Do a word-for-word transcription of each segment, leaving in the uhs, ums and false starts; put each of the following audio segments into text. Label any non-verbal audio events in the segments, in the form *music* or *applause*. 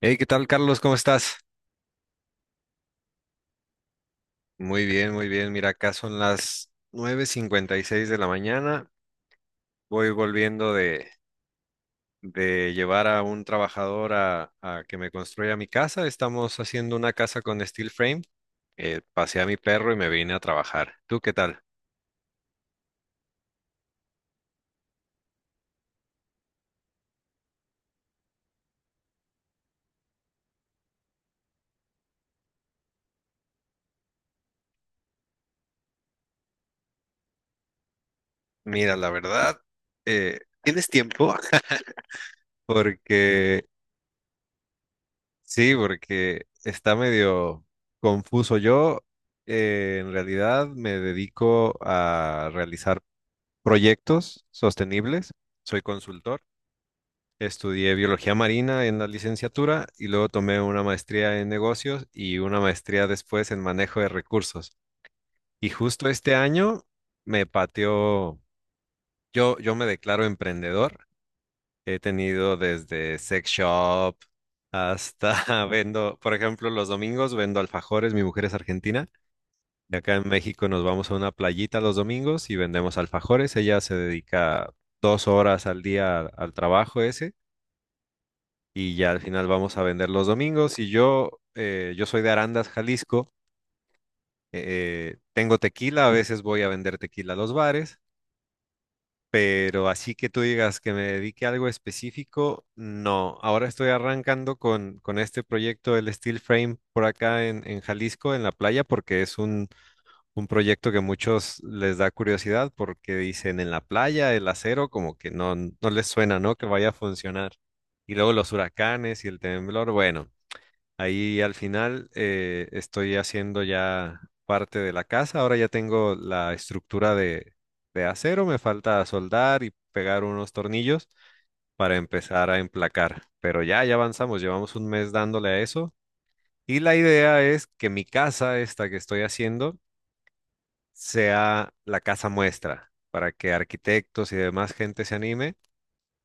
Hey, ¿qué tal, Carlos? ¿Cómo estás? Muy bien, muy bien. Mira, acá son las nueve cincuenta y seis de la mañana. Voy volviendo de, de llevar a un trabajador a, a que me construya mi casa. Estamos haciendo una casa con steel frame. Eh, pasé a mi perro y me vine a trabajar. ¿Tú qué tal? Mira, la verdad, eh, ¿tienes tiempo? Porque sí, porque está medio confuso. Yo, eh, en realidad, me dedico a realizar proyectos sostenibles. Soy consultor. Estudié biología marina en la licenciatura y luego tomé una maestría en negocios y una maestría después en manejo de recursos. Y justo este año me pateó, yo, yo me declaro emprendedor. He tenido desde sex shop hasta *laughs* vendo, por ejemplo, los domingos vendo alfajores, mi mujer es argentina. Y acá en México nos vamos a una playita los domingos y vendemos alfajores. Ella se dedica dos horas al día al, al trabajo ese y ya al final vamos a vender los domingos. Y yo, eh, yo soy de Arandas, Jalisco. Eh, tengo tequila, a veces voy a vender tequila a los bares, pero así que tú digas que me dedique a algo específico, no. Ahora estoy arrancando con, con este proyecto, el Steel Frame, por acá en, en Jalisco, en la playa, porque es un Un proyecto que muchos les da curiosidad porque dicen en la playa el acero como que no, no les suena, ¿no? Que vaya a funcionar. Y luego los huracanes y el temblor. Bueno, ahí al final eh, estoy haciendo ya parte de la casa. Ahora ya tengo la estructura de, de acero. Me falta soldar y pegar unos tornillos para empezar a emplacar. Pero ya, ya avanzamos. Llevamos un mes dándole a eso. Y la idea es que mi casa, esta que estoy haciendo, sea la casa muestra para que arquitectos y demás gente se anime.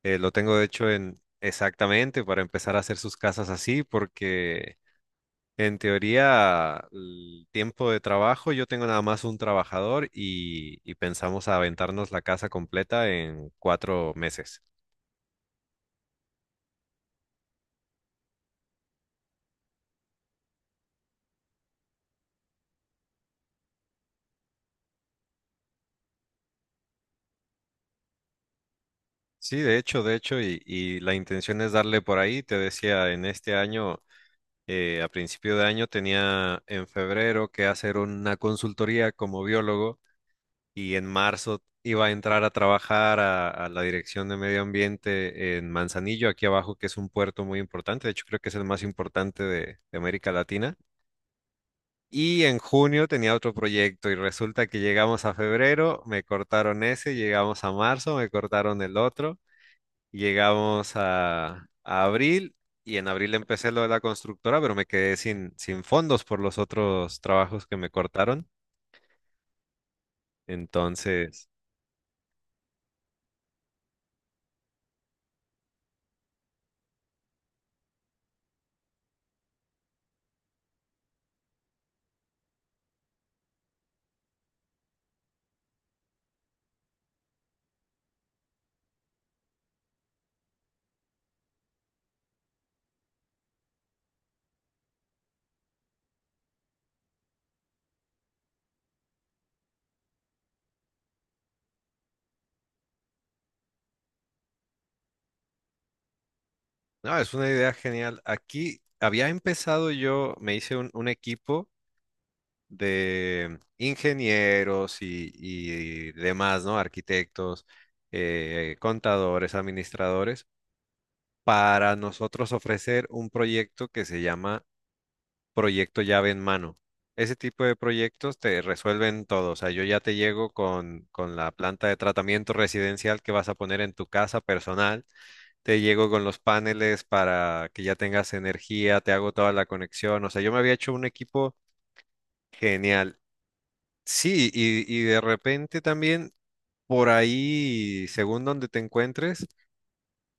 Eh, lo tengo de hecho en exactamente para empezar a hacer sus casas así, porque en teoría el tiempo de trabajo yo tengo nada más un trabajador y, y pensamos aventarnos la casa completa en cuatro meses. Sí, de hecho, de hecho, y, y la intención es darle por ahí, te decía, en este año, eh, a principio de año tenía en febrero que hacer una consultoría como biólogo y en marzo iba a entrar a trabajar a, a la Dirección de Medio Ambiente en Manzanillo, aquí abajo, que es un puerto muy importante, de hecho creo que es el más importante de, de América Latina. Y en junio tenía otro proyecto y resulta que llegamos a febrero, me cortaron ese, llegamos a marzo, me cortaron el otro, llegamos a, a abril y en abril empecé lo de la constructora, pero me quedé sin, sin fondos por los otros trabajos que me cortaron. Entonces... No, es una idea genial. Aquí había empezado yo, me hice un, un equipo de ingenieros y, y demás, ¿no? Arquitectos, eh, contadores, administradores, para nosotros ofrecer un proyecto que se llama proyecto llave en mano. Ese tipo de proyectos te resuelven todo. O sea, yo ya te llego con, con la planta de tratamiento residencial que vas a poner en tu casa personal. Te llego con los paneles para que ya tengas energía, te hago toda la conexión. O sea, yo me había hecho un equipo genial. Sí, y, y de repente también por ahí, según donde te encuentres,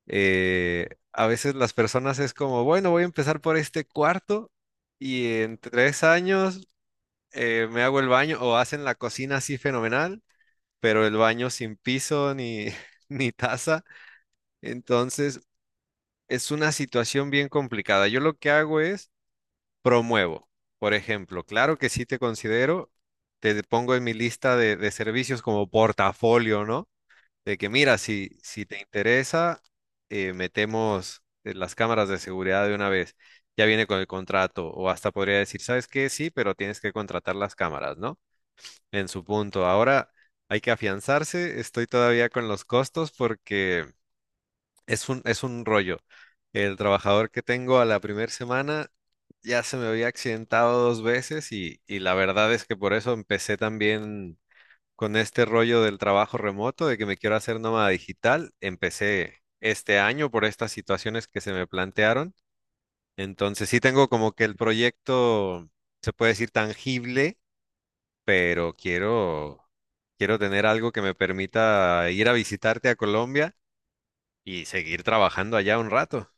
eh, a veces las personas es como, bueno, voy a empezar por este cuarto y en tres años eh, me hago el baño o hacen la cocina así fenomenal, pero el baño sin piso ni, *laughs* ni taza. Entonces, es una situación bien complicada. Yo lo que hago es promuevo. Por ejemplo, claro que sí te considero, te pongo en mi lista de, de servicios como portafolio, ¿no? De que mira, si, si te interesa, eh, metemos eh, las cámaras de seguridad de una vez. Ya viene con el contrato, o hasta podría decir, ¿sabes qué? Sí, pero tienes que contratar las cámaras, ¿no? En su punto. Ahora hay que afianzarse. Estoy todavía con los costos porque es un, es un rollo. El trabajador que tengo a la primera semana ya se me había accidentado dos veces y, y la verdad es que por eso empecé también con este rollo del trabajo remoto, de que me quiero hacer nómada digital. Empecé este año por estas situaciones que se me plantearon. Entonces sí tengo como que el proyecto, se puede decir, tangible pero quiero, quiero tener algo que me permita ir a visitarte a Colombia y seguir trabajando allá un rato.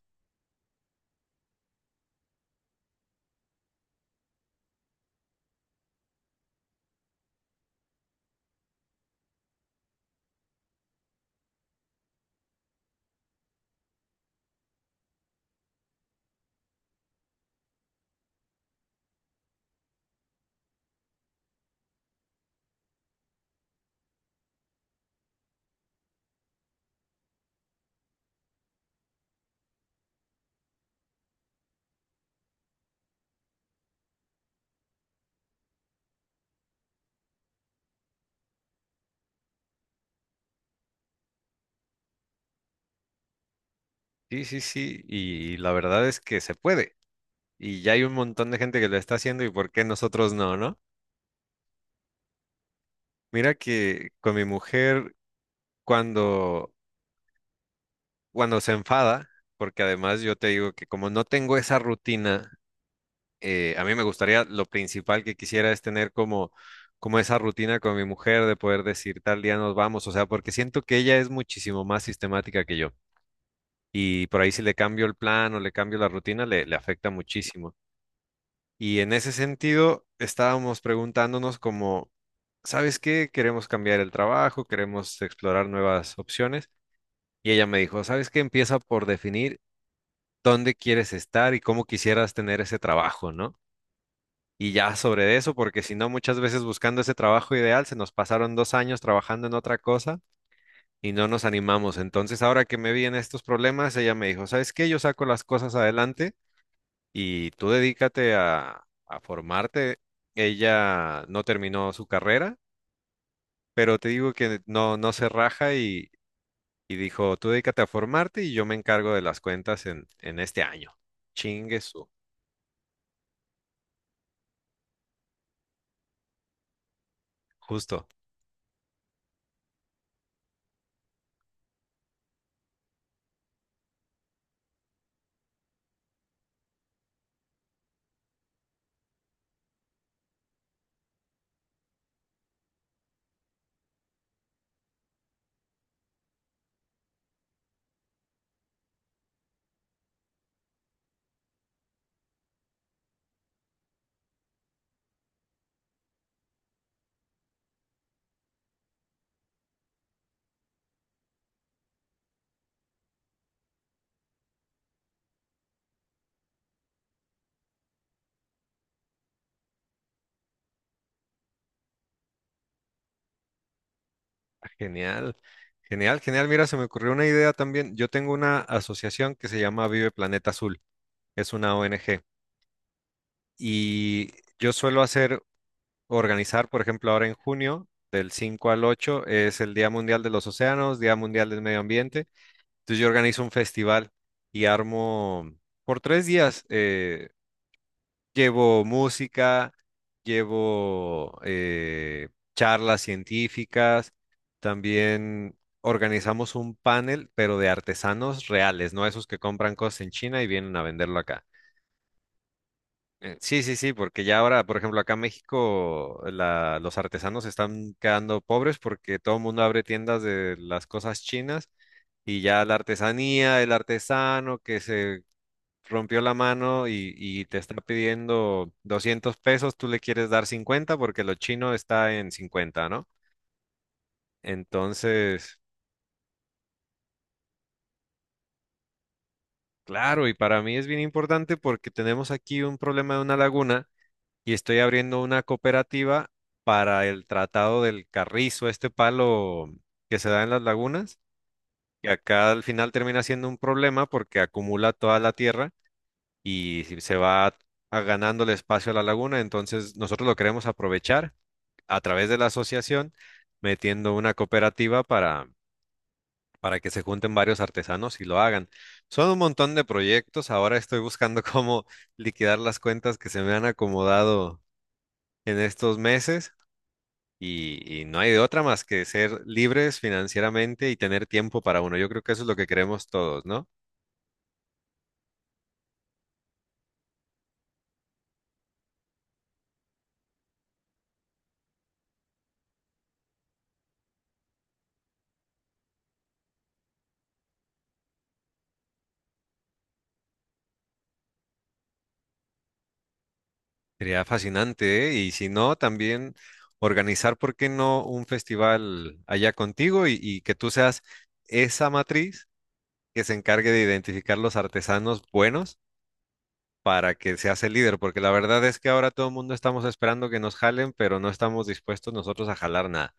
Sí, sí, sí, y la verdad es que se puede. Y ya hay un montón de gente que lo está haciendo y por qué nosotros no, ¿no? Mira que con mi mujer cuando, cuando se enfada, porque además yo te digo que como no tengo esa rutina, eh, a mí me gustaría, lo principal que quisiera es tener como, como esa rutina con mi mujer de poder decir tal día nos vamos, o sea, porque siento que ella es muchísimo más sistemática que yo y por ahí si le cambio el plan o le cambio la rutina le, le afecta muchísimo. Y en ese sentido estábamos preguntándonos como, ¿sabes qué? Queremos cambiar el trabajo, queremos explorar nuevas opciones y ella me dijo, ¿sabes qué? Empieza por definir dónde quieres estar y cómo quisieras tener ese trabajo, ¿no? Y ya sobre eso, porque si no, muchas veces buscando ese trabajo ideal, se nos pasaron dos años trabajando en otra cosa y no nos animamos. Entonces, ahora que me vi en estos problemas, ella me dijo, ¿sabes qué? Yo saco las cosas adelante y tú dedícate a, a formarte. Ella no terminó su carrera, pero te digo que no, no se raja y, y dijo, tú dedícate a formarte y yo me encargo de las cuentas en, en este año. Chingue su, justo. Genial, genial, genial. Mira, se me ocurrió una idea también. Yo tengo una asociación que se llama Vive Planeta Azul. Es una O N G. Y yo suelo hacer, organizar, por ejemplo, ahora en junio, del cinco al ocho es el Día Mundial de los Océanos, Día Mundial del Medio Ambiente. Entonces yo organizo un festival y armo por tres días. Eh, Llevo música, llevo eh, charlas científicas, también organizamos un panel, pero de artesanos reales, no esos que compran cosas en China y vienen a venderlo acá. Eh, Sí, sí, sí, porque ya ahora, por ejemplo, acá en México, la- los artesanos están quedando pobres porque todo el mundo abre tiendas de las cosas chinas y ya la artesanía, el artesano que se rompió la mano y, y te está pidiendo doscientos pesos, tú le quieres dar cincuenta porque lo chino está en cincuenta, ¿no? Entonces, claro, y para mí es bien importante porque tenemos aquí un problema de una laguna y estoy abriendo una cooperativa para el tratado del carrizo, este palo que se da en las lagunas, que acá al final termina siendo un problema porque acumula toda la tierra y se va a- ganando el espacio a la laguna, entonces nosotros lo queremos aprovechar a través de la asociación metiendo una cooperativa para, para que se junten varios artesanos y lo hagan. Son un montón de proyectos. Ahora estoy buscando *laughs* cómo liquidar las cuentas que se me han acomodado en estos meses y, y no hay de otra más que ser libres financieramente y tener tiempo para uno. Yo creo que eso es lo que queremos todos, ¿no? Sería fascinante, ¿eh? Y si no, también organizar, ¿por qué no un festival allá contigo? Y y que tú seas esa matriz que se encargue de identificar los artesanos buenos para que seas el líder, porque la verdad es que ahora todo el mundo estamos esperando que nos jalen, pero no estamos dispuestos nosotros a jalar nada.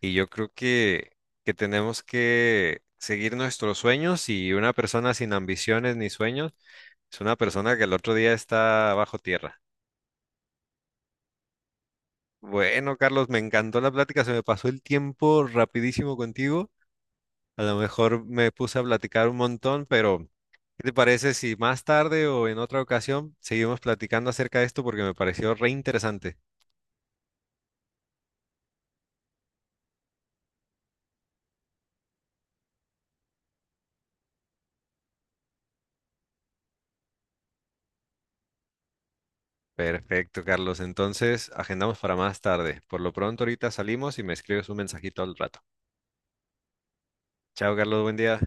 Y yo creo que, que tenemos que seguir nuestros sueños y una persona sin ambiciones ni sueños es una persona que el otro día está bajo tierra. Bueno, Carlos, me encantó la plática, se me pasó el tiempo rapidísimo contigo. A lo mejor me puse a platicar un montón, pero ¿qué te parece si más tarde o en otra ocasión seguimos platicando acerca de esto porque me pareció re interesante? Perfecto, Carlos. Entonces, agendamos para más tarde. Por lo pronto, ahorita salimos y me escribes un mensajito al rato. Chao, Carlos. Buen día.